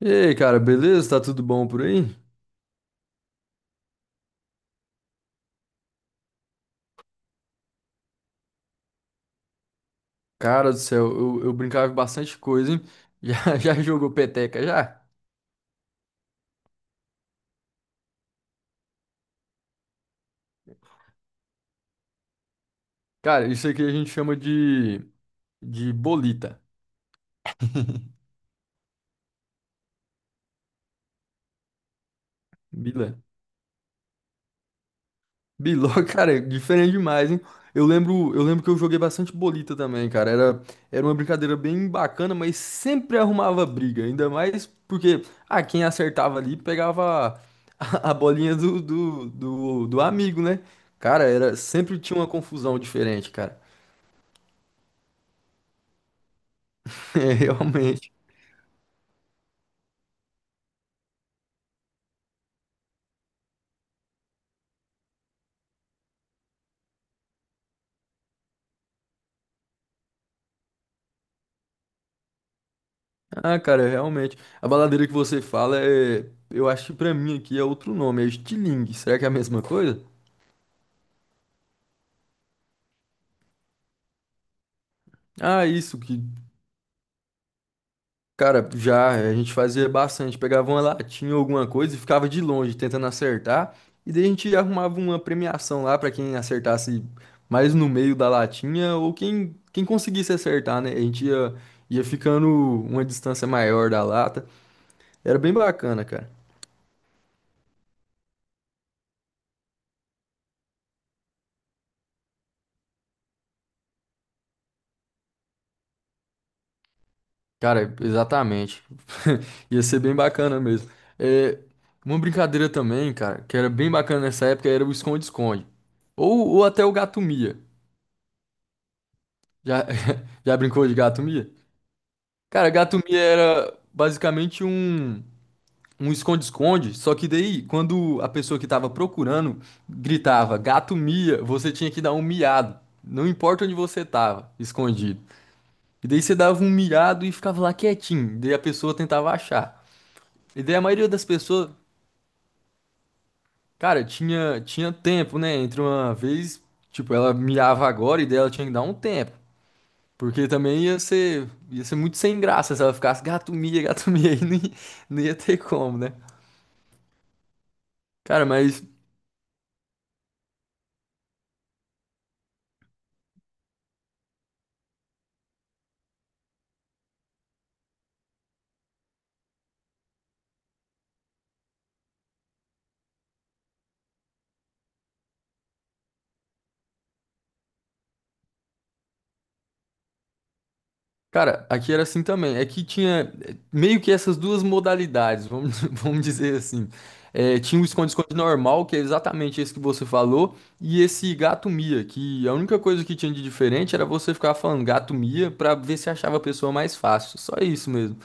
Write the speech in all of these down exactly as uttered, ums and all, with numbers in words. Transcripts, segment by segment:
E aí, cara, beleza? Tá tudo bom por aí? Cara do céu, eu, eu brincava em bastante coisa, hein? Já, já jogou peteca, já? Cara, isso aqui a gente chama de, de bolita. Bila. Biló, cara, é diferente demais, hein? Eu lembro, eu lembro que eu joguei bastante bolita também, cara. Era, era uma brincadeira bem bacana, mas sempre arrumava briga. Ainda mais porque, ah, quem acertava ali pegava a, a bolinha do, do, do, do amigo, né? Cara, era, sempre tinha uma confusão diferente, cara. É, realmente. Ah, cara, realmente. A baladeira que você fala é. Eu acho que pra mim aqui é outro nome, é estilingue. Será que é a mesma coisa? Ah, isso que. Cara, já a gente fazia bastante. Pegava uma latinha ou alguma coisa e ficava de longe tentando acertar. E daí a gente arrumava uma premiação lá pra quem acertasse mais no meio da latinha ou quem, quem conseguisse acertar, né? A gente ia, ia ficando uma distância maior da lata. Era bem bacana, cara. Cara, exatamente. Ia ser bem bacana mesmo. É, uma brincadeira também, cara, que era bem bacana nessa época era o esconde-esconde. Ou, ou até o gato-mia. Já, já brincou de gato-mia? Cara, gato-mia era basicamente um, um esconde-esconde, só que daí, quando a pessoa que tava procurando gritava gato-mia, você tinha que dar um miado. Não importa onde você tava, escondido. E daí você dava um miado e ficava lá quietinho. Daí a pessoa tentava achar. E daí a maioria das pessoas, cara, tinha, tinha tempo, né? Entre uma vez, tipo, ela miava agora e daí ela tinha que dar um tempo. Porque também ia ser, ia ser muito sem graça se ela ficasse gato mia, gato mia, aí não ia, não ia ter como, né? Cara, mas Cara, aqui era assim também. É que tinha eh, meio que essas duas modalidades, vamos, vamos dizer assim. Eh, tinha o esconde-esconde normal, que é exatamente esse que você falou, e esse gato mia, que a única coisa que tinha de diferente era você ficar falando gato mia pra ver se achava a pessoa mais fácil. Só isso mesmo.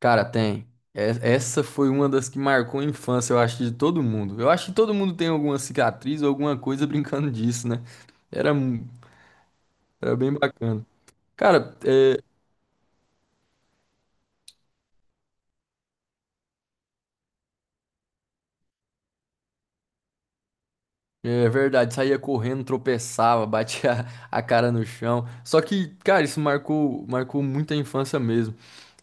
Cara, tem. É- Essa foi uma das que marcou a infância, eu acho, de todo mundo. Eu acho que todo mundo tem alguma cicatriz ou alguma coisa brincando disso, né? Era, mu- era bem bacana. Cara, é, é verdade, saía correndo, tropeçava, batia a cara no chão. Só que, cara, isso marcou, marcou muito a infância mesmo.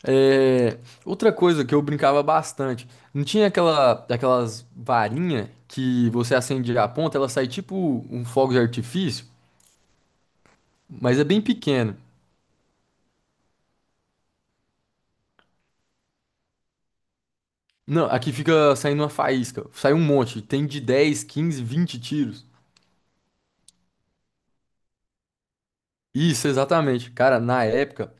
É, outra coisa que eu brincava bastante, não tinha aquela, aquelas varinha que você acendia a ponta, ela sai tipo um fogo de artifício, mas é bem pequeno. Não, aqui fica saindo uma faísca, sai um monte, tem de dez, quinze, vinte tiros. Isso, exatamente. Cara, na época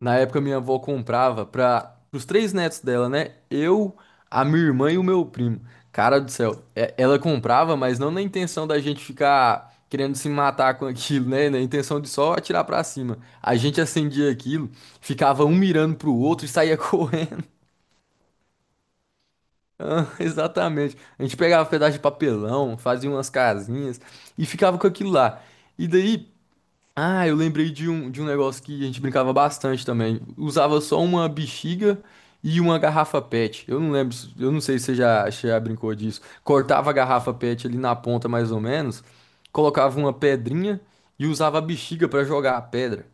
Na época, minha avó comprava para os três netos dela, né? Eu, a minha irmã e o meu primo. Cara do céu, é- ela comprava, mas não na intenção da gente ficar querendo se matar com aquilo, né? Na intenção de só atirar pra cima. A gente acendia aquilo, ficava um mirando pro outro e saía correndo. Ah, exatamente. A gente pegava pedaço de papelão, fazia umas casinhas e ficava com aquilo lá. E daí. Ah, eu lembrei de um, de um negócio que a gente brincava bastante também. Usava só uma bexiga e uma garrafa PET. Eu não lembro, se- eu não sei se você já, se já brincou disso. Cortava a garrafa PET ali na ponta, mais ou menos, colocava uma pedrinha e usava a bexiga pra jogar a pedra.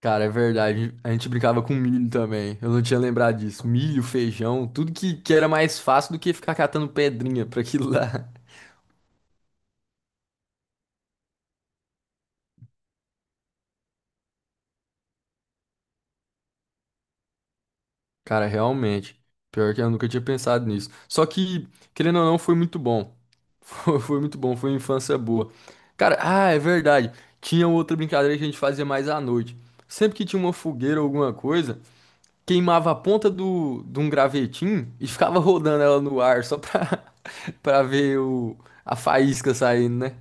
Cara, é verdade. A gente brincava com milho também. Eu não tinha lembrado disso. Milho, feijão, tudo que, que era mais fácil do que ficar catando pedrinha pra aquilo lá. Cara, realmente. Pior que eu nunca tinha pensado nisso. Só que, querendo ou não, foi muito bom. Foi, foi muito bom, foi uma infância boa. Cara, ah, é verdade. Tinha outra brincadeira que a gente fazia mais à noite. Sempre que tinha uma fogueira ou alguma coisa, queimava a ponta do, de um gravetinho e ficava rodando ela no ar só pra, pra ver o, a faísca saindo, né?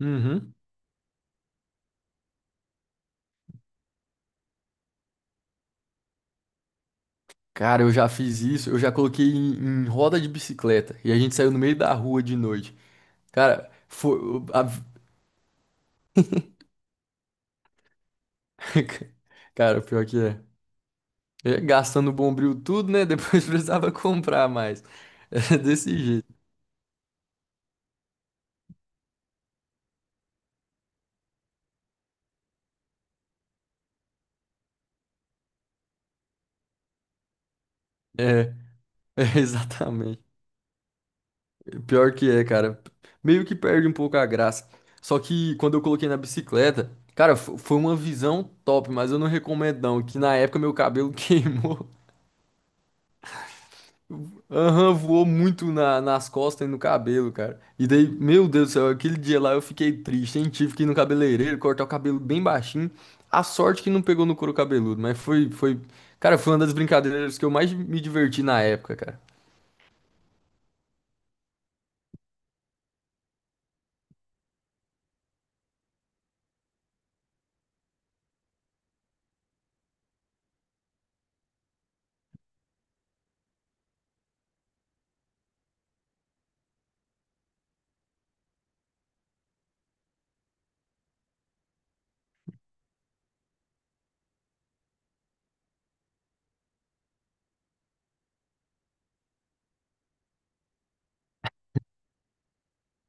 Uhum. Cara, eu já fiz isso. Eu já coloquei em, em roda de bicicleta e a gente saiu no meio da rua de noite. Cara, foi, cara, pior que é. É, gastando o bombril tudo, né? Depois precisava comprar mais. É desse jeito. É, é, exatamente. Pior que é, cara. Meio que perde um pouco a graça. Só que quando eu coloquei na bicicleta, cara, fo- foi uma visão top, mas eu não recomendo não, que na época meu cabelo queimou. Aham, voou muito na- nas costas e no cabelo, cara. E daí, meu Deus do céu, aquele dia lá eu fiquei triste, hein? Tive que ir no cabeleireiro, cortar o cabelo bem baixinho. A sorte que não pegou no couro cabeludo, mas foi, foi... Cara, foi uma das brincadeiras que eu mais me diverti na época, cara.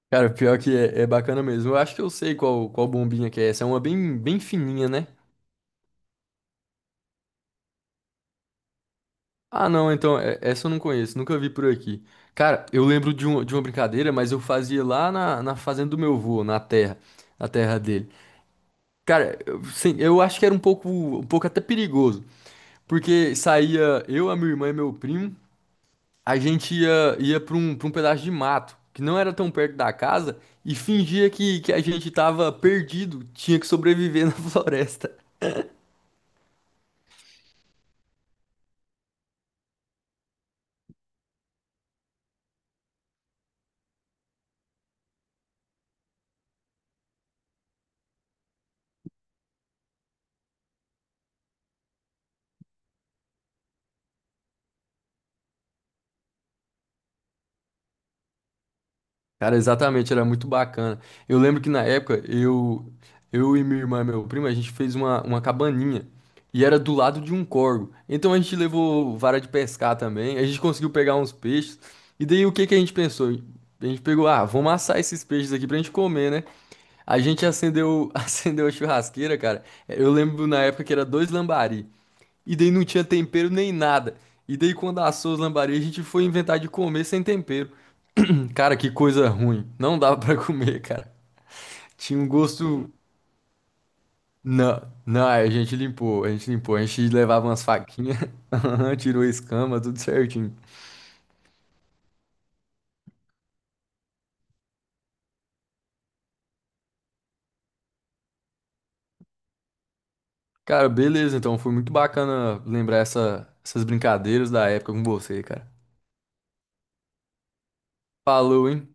Cara, pior que é, é bacana mesmo. Eu acho que eu sei qual, qual bombinha que é essa. É uma bem, bem fininha, né? Ah, não, então, é- essa eu não conheço, nunca vi por aqui. Cara, eu lembro de, um, de uma brincadeira, mas eu fazia lá na, na fazenda do meu avô, na terra, na terra dele. Cara, eu- sim, eu acho que era um pouco, um pouco até perigoso, porque saía eu, a minha irmã e meu primo, a gente ia, ia para um, para um pedaço de mato, que não era tão perto da casa, e fingia que, que a gente tava perdido, tinha que sobreviver na floresta. Cara, exatamente, era muito bacana. Eu lembro que na época eu, eu e minha irmã e meu primo, a gente fez uma, uma cabaninha e era do lado de um córgo. Então a gente levou vara de pescar também, a gente conseguiu pegar uns peixes. E daí o que que a gente pensou? A gente pegou, ah, vamos assar esses peixes aqui pra gente comer, né? A gente acendeu, acendeu a churrasqueira, cara. Eu lembro na época que era dois lambari. E daí não tinha tempero nem nada. E daí quando assou os lambari, a gente foi inventar de comer sem tempero. Cara, que coisa ruim. Não dava pra comer, cara. Tinha um gosto. Não, não, aí a gente limpou, a gente limpou. A gente levava umas faquinhas, aham, tirou a escama, tudo certinho. Cara, beleza, então foi muito bacana lembrar essa- essas brincadeiras da época com você, cara. Falou, hein?